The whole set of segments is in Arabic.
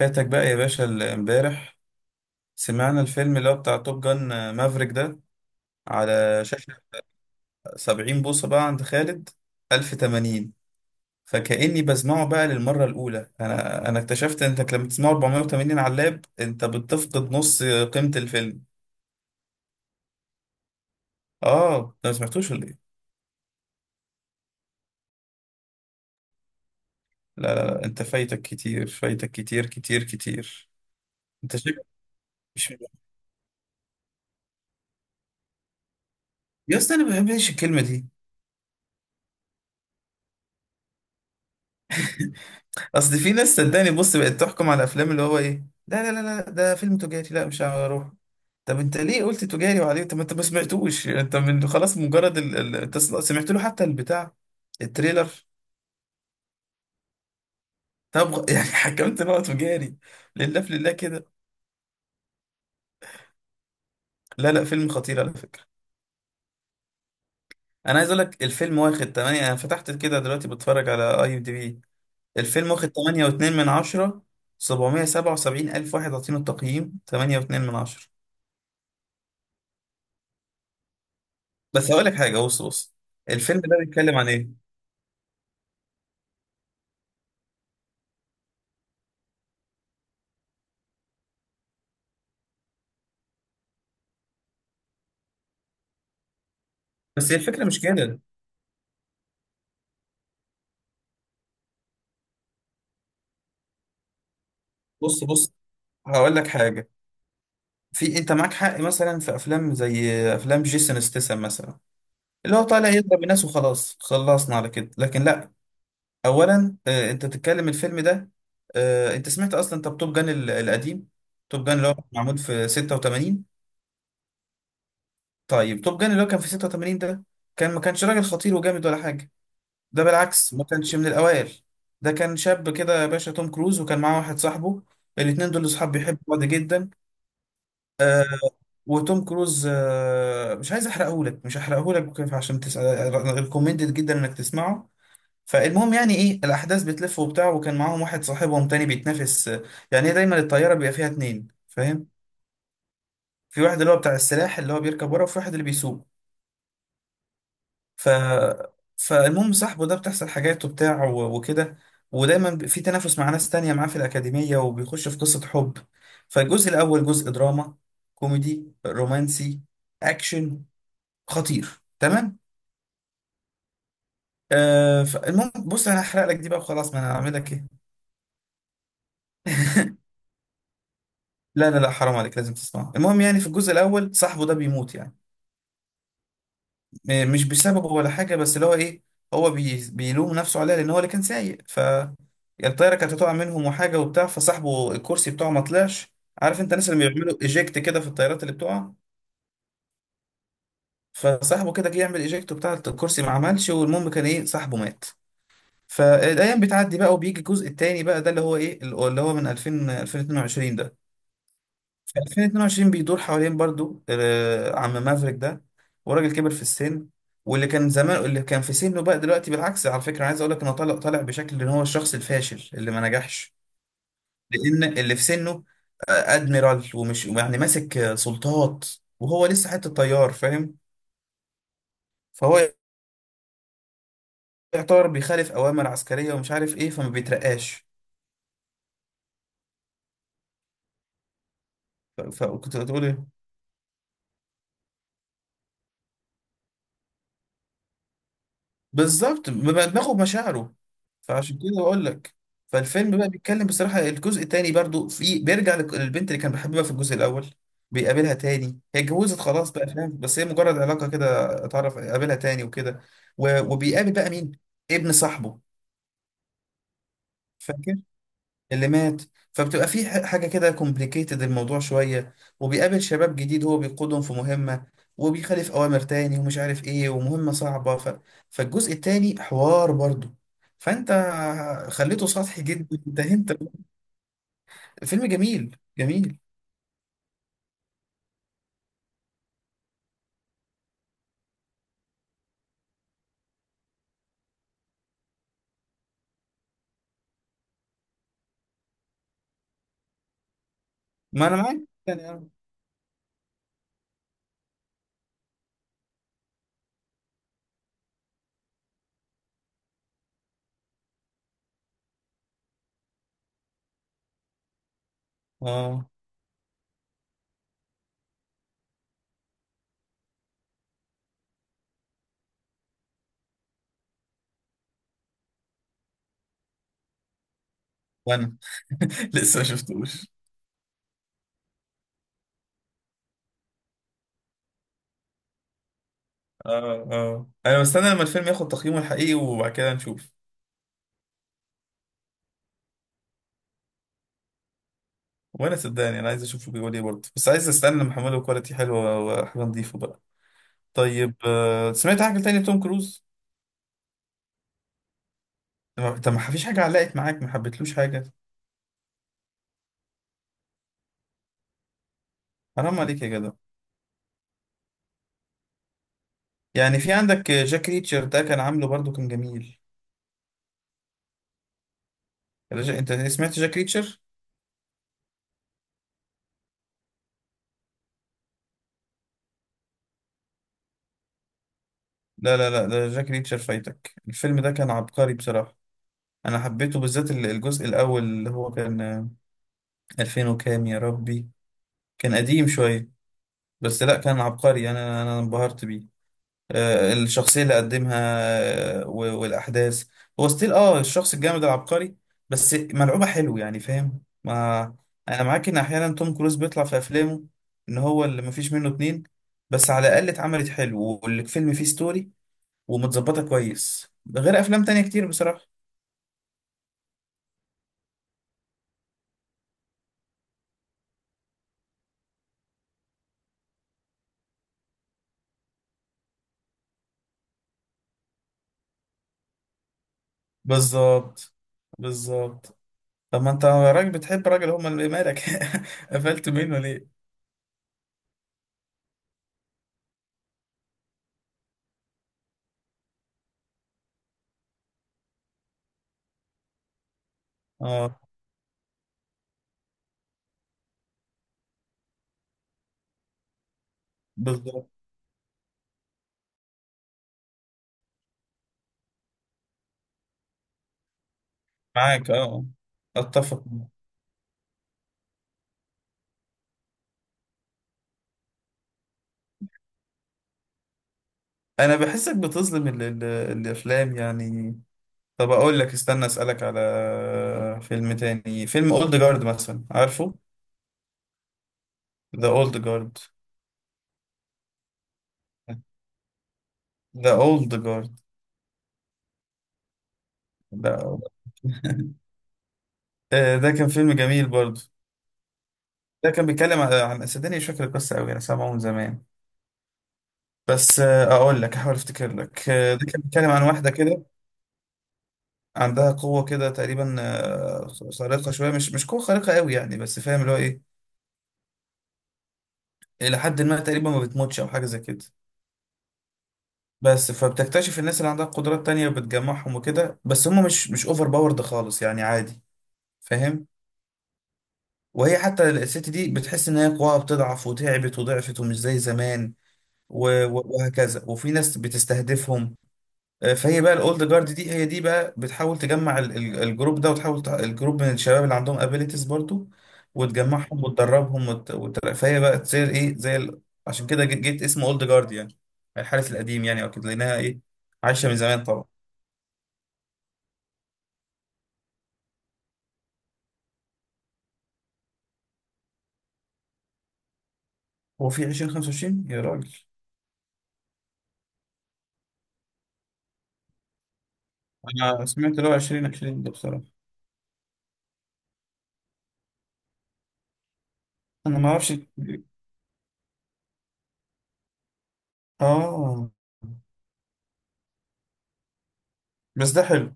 فاتك بقى يا باشا امبارح سمعنا الفيلم اللي هو بتاع توب جان، مافريك ده، على شاشة 70 بوصة بقى عند خالد، 1080. فكأني بسمعه بقى للمرة الأولى. أنا اكتشفت إنك لما تسمعه 480 على اللاب أنت بتفقد نص قيمة الفيلم. آه، أنت ما سمعتوش ولا إيه؟ لا لا لا، أنت فايتك كتير، فايتك كتير كتير كتير. أنت شكلك مش... يا اسطى، أنا ما بحبش الكلمة دي. اصل في ناس صدقني، بص، بقت تحكم على الافلام اللي هو ايه، لا لا لا لا، ده فيلم تجاري، لا مش هروح. طب انت ليه قلت تجاري وعليه؟ طب ما انت ما سمعتوش، انت من خلاص مجرد انت سمعت له حتى البتاع، التريلر؟ طب يعني حكمت ان هو تجاري؟ لله في لله كده. لا لا، فيلم خطير على فكره. انا عايز اقول لك الفيلم واخد 8، انا فتحت كده دلوقتي بتفرج على اي ام دي بي. الفيلم واخد 8.2 من 10. 777 الف واحد عاطينه التقييم 8.2 من 10. بس هقول لك حاجه، بص بص، الفيلم ده بيتكلم عن ايه؟ بس هي الفكره مش كده. بص بص، هقول لك حاجه. في انت معاك حق مثلا في افلام زي افلام جيسون ستاثام مثلا، اللي هو طالع يضرب الناس وخلاص، خلصنا على كده، لكن لا. اولا انت بتتكلم الفيلم ده. آه، انت سمعت اصلا طب توب جان القديم؟ توب جان اللي هو معمول في 86. طيب توب جان اللي هو كان في 86 ده، كان ما كانش راجل خطير وجامد ولا حاجه، ده بالعكس، ما كانش من الأوائل. ده كان شاب كده يا باشا، توم كروز، وكان معاه واحد صاحبه. الاتنين دول أصحاب بيحبوا بعض جدا. وتوم كروز، آه، مش عايز أحرقهولك، مش هحرقهولك كيف، عشان تسأل، ريكومندد جدا إنك تسمعه. فالمهم يعني إيه، الأحداث بتلف وبتاع، وكان معاهم واحد صاحبهم تاني بيتنافس. آه، يعني إيه، دايما الطيارة بيبقى فيها اتنين، فاهم؟ في واحد اللي هو بتاع السلاح اللي هو بيركب ورا، وفي واحد اللي بيسوق. ف فالمهم صاحبه ده بتحصل حاجات وبتاع وكده. ودايما في تنافس مع ناس تانية معاه في الأكاديمية، وبيخش في قصة حب. فالجزء الأول جزء دراما، كوميدي، رومانسي، أكشن، خطير، تمام. آه، فالمهم بص، أنا هحرق لك دي بقى وخلاص، ما أنا هعمل لك إيه. لا لا لا، حرام عليك، لازم تسمعه. المهم يعني في الجزء الأول صاحبه ده بيموت، يعني مش بسببه ولا حاجة، بس اللي هو ايه، هو بيلوم نفسه عليها لان هو اللي كان سايق. ف يعني الطيارة كانت هتقع منهم وحاجة وبتاع، فصاحبه الكرسي بتاعه ما طلعش. عارف انت الناس اللي بيعملوا ايجكت كده في الطيارات اللي بتقع؟ فصاحبه كده جه يعمل ايجكت بتاع الكرسي، ما عملش، والمهم كان ايه، صاحبه مات. فالايام بتعدي بقى وبيجي الجزء التاني بقى، ده اللي هو ايه، اللي هو من 2000، 2022 ده. 2022 بيدور حوالين برضو، آه، عم مافريك ده، وراجل كبر في السن. واللي كان زمان اللي كان في سنه بقى دلوقتي بالعكس. على فكرة أنا عايز اقول لك انه طالع، طالع بشكل ان هو الشخص الفاشل اللي ما نجحش. لان اللي في سنه آه، ادميرال، ومش يعني ماسك، آه، سلطات، وهو لسه حتة طيار، فاهم. فهو يعتبر بيخالف اوامر عسكرية ومش عارف ايه، فما بيترقاش. فكنت بتقول ايه؟ بالظبط، بيبقى دماغه بمشاعره. فعشان كده بقول لك. فالفيلم بقى بيتكلم، بصراحة الجزء التاني برضو، في بيرجع للبنت اللي كان بيحبها في الجزء الأول. بيقابلها تاني، هي اتجوزت خلاص بقى فاهم، بس هي مجرد علاقة كده، اتعرف قابلها تاني وكده. وبيقابل بقى مين؟ ابن صاحبه اللي مات. فبتبقى في حاجة كده كومبليكيتد الموضوع شوية. وبيقابل شباب جديد، هو بيقودهم في مهمة، وبيخالف أوامر تاني ومش عارف إيه، ومهمة صعبة ف... فالجزء التاني حوار برضه. فأنت خليته سطحي جدا ده أنت. فيلم جميل جميل. ما أنا معاك، يعني آه، آه، وأنا لسه ما شفتوش. آه آه، أنا مستني لما الفيلم ياخد تقييمه الحقيقي وبعد كده نشوف. وأنا صدقني أنا عايز أشوفه بيقول إيه برضه، بس عايز أستنى لما أحمله كواليتي حلوة وحاجة نضيفة بقى. طيب، آه، سمعت حاجة تانية توم كروز؟ طب ما فيش حاجة علقت معاك، ما حبيتلوش حاجة؟ حرام عليك يا جدع. يعني في عندك جاك ريتشر، ده كان عامله برضو كان جميل. انت سمعت جاك ريتشر؟ لا لا لا، ده جاك ريتشر فايتك، الفيلم ده كان عبقري بصراحة. انا حبيته بالذات الجزء الاول اللي هو كان، آه، 2000 وكام يا ربي، كان قديم شوية. بس لا، كان عبقري يعني، انا انبهرت بيه. آه، الشخصية اللي قدمها، آه، والأحداث. هو ستيل، اه، الشخص الجامد العبقري، بس ملعوبة حلو يعني فاهم. ما أنا معاك إن أحيانا توم كروز بيطلع في أفلامه إن هو اللي مفيش منه اتنين. بس على الأقل اتعملت حلو والفيلم فيه ستوري ومتظبطة كويس، غير أفلام تانية كتير بصراحة. بالظبط، بالظبط. طب ما أنت راجل بتحب راجل، هما اللي مالك. قفلت منه ليه؟ اه، بالظبط، معاك اه، أتفق. انا بحسك بتظلم ال الافلام يعني. طب اقول لك، استنى اسالك على فيلم تاني، فيلم اولد جارد مثلا، عارفه؟ ذا اولد جارد. ذا اولد جارد ده. آه، ده كان فيلم جميل برضه. ده كان بيتكلم عن صدقني مش فاكر القصه قوي، انا سامعه من زمان. بس آه، اقول لك احاول افتكر لك. آه، ده كان بيتكلم عن واحده كده عندها قوه كده تقريبا، آه، خارقه شويه، مش قوه خارقه قوي يعني، بس فاهم اللي هو ايه، الى حد ما تقريبا ما بتموتش او حاجه زي كده. بس فبتكتشف الناس اللي عندها قدرات تانية بتجمعهم وكده، بس هم مش اوفر باورد خالص يعني عادي فاهم. وهي حتى الست دي بتحس ان هي قواها بتضعف وتعبت وضعفت ومش زي زمان، وهكذا، وفي ناس بتستهدفهم. آه، فهي بقى الاولد جارد دي، هي دي بقى بتحاول تجمع الجروب ده، وتحاول الجروب من الشباب اللي عندهم ابيليتيز برضو، وتجمعهم وتدربهم وت... وت... فهي بقى تصير ايه زي ال... عشان كده جيت اسمه اولد جارد يعني، الحارس القديم يعني، اكيد لانها ايه، عايشه من زمان طبعا. هو في 2025 يا راجل. انا سمعت اللي هو 2020 ده بصراحة. انا ما اعرفش. اه، بس ده حلو،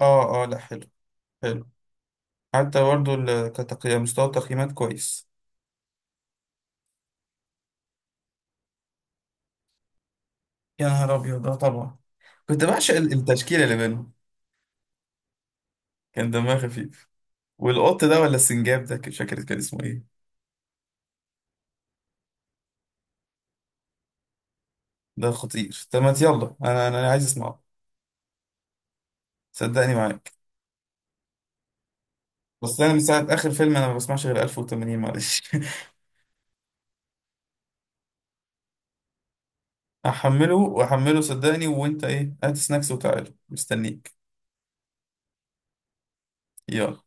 اه اه لا حلو، حلو، حتى برضه كتقييم، مستوى التقييمات كويس. يا نهار ابيض ده طبعا! كنت بعشق التشكيلة اللي بينهم، كان دمها خفيف. والقط ده ولا السنجاب ده، مش فاكر كان اسمه ايه. ده خطير، طب ما يلا، انا انا أنا عايز اسمعه، صدقني معاك. بس انا من ساعة اخر فيلم انا ما بسمعش غير 1080، معلش. احمله واحمله صدقني، وانت ايه، هات سناكس وتعالى مستنيك. يلا.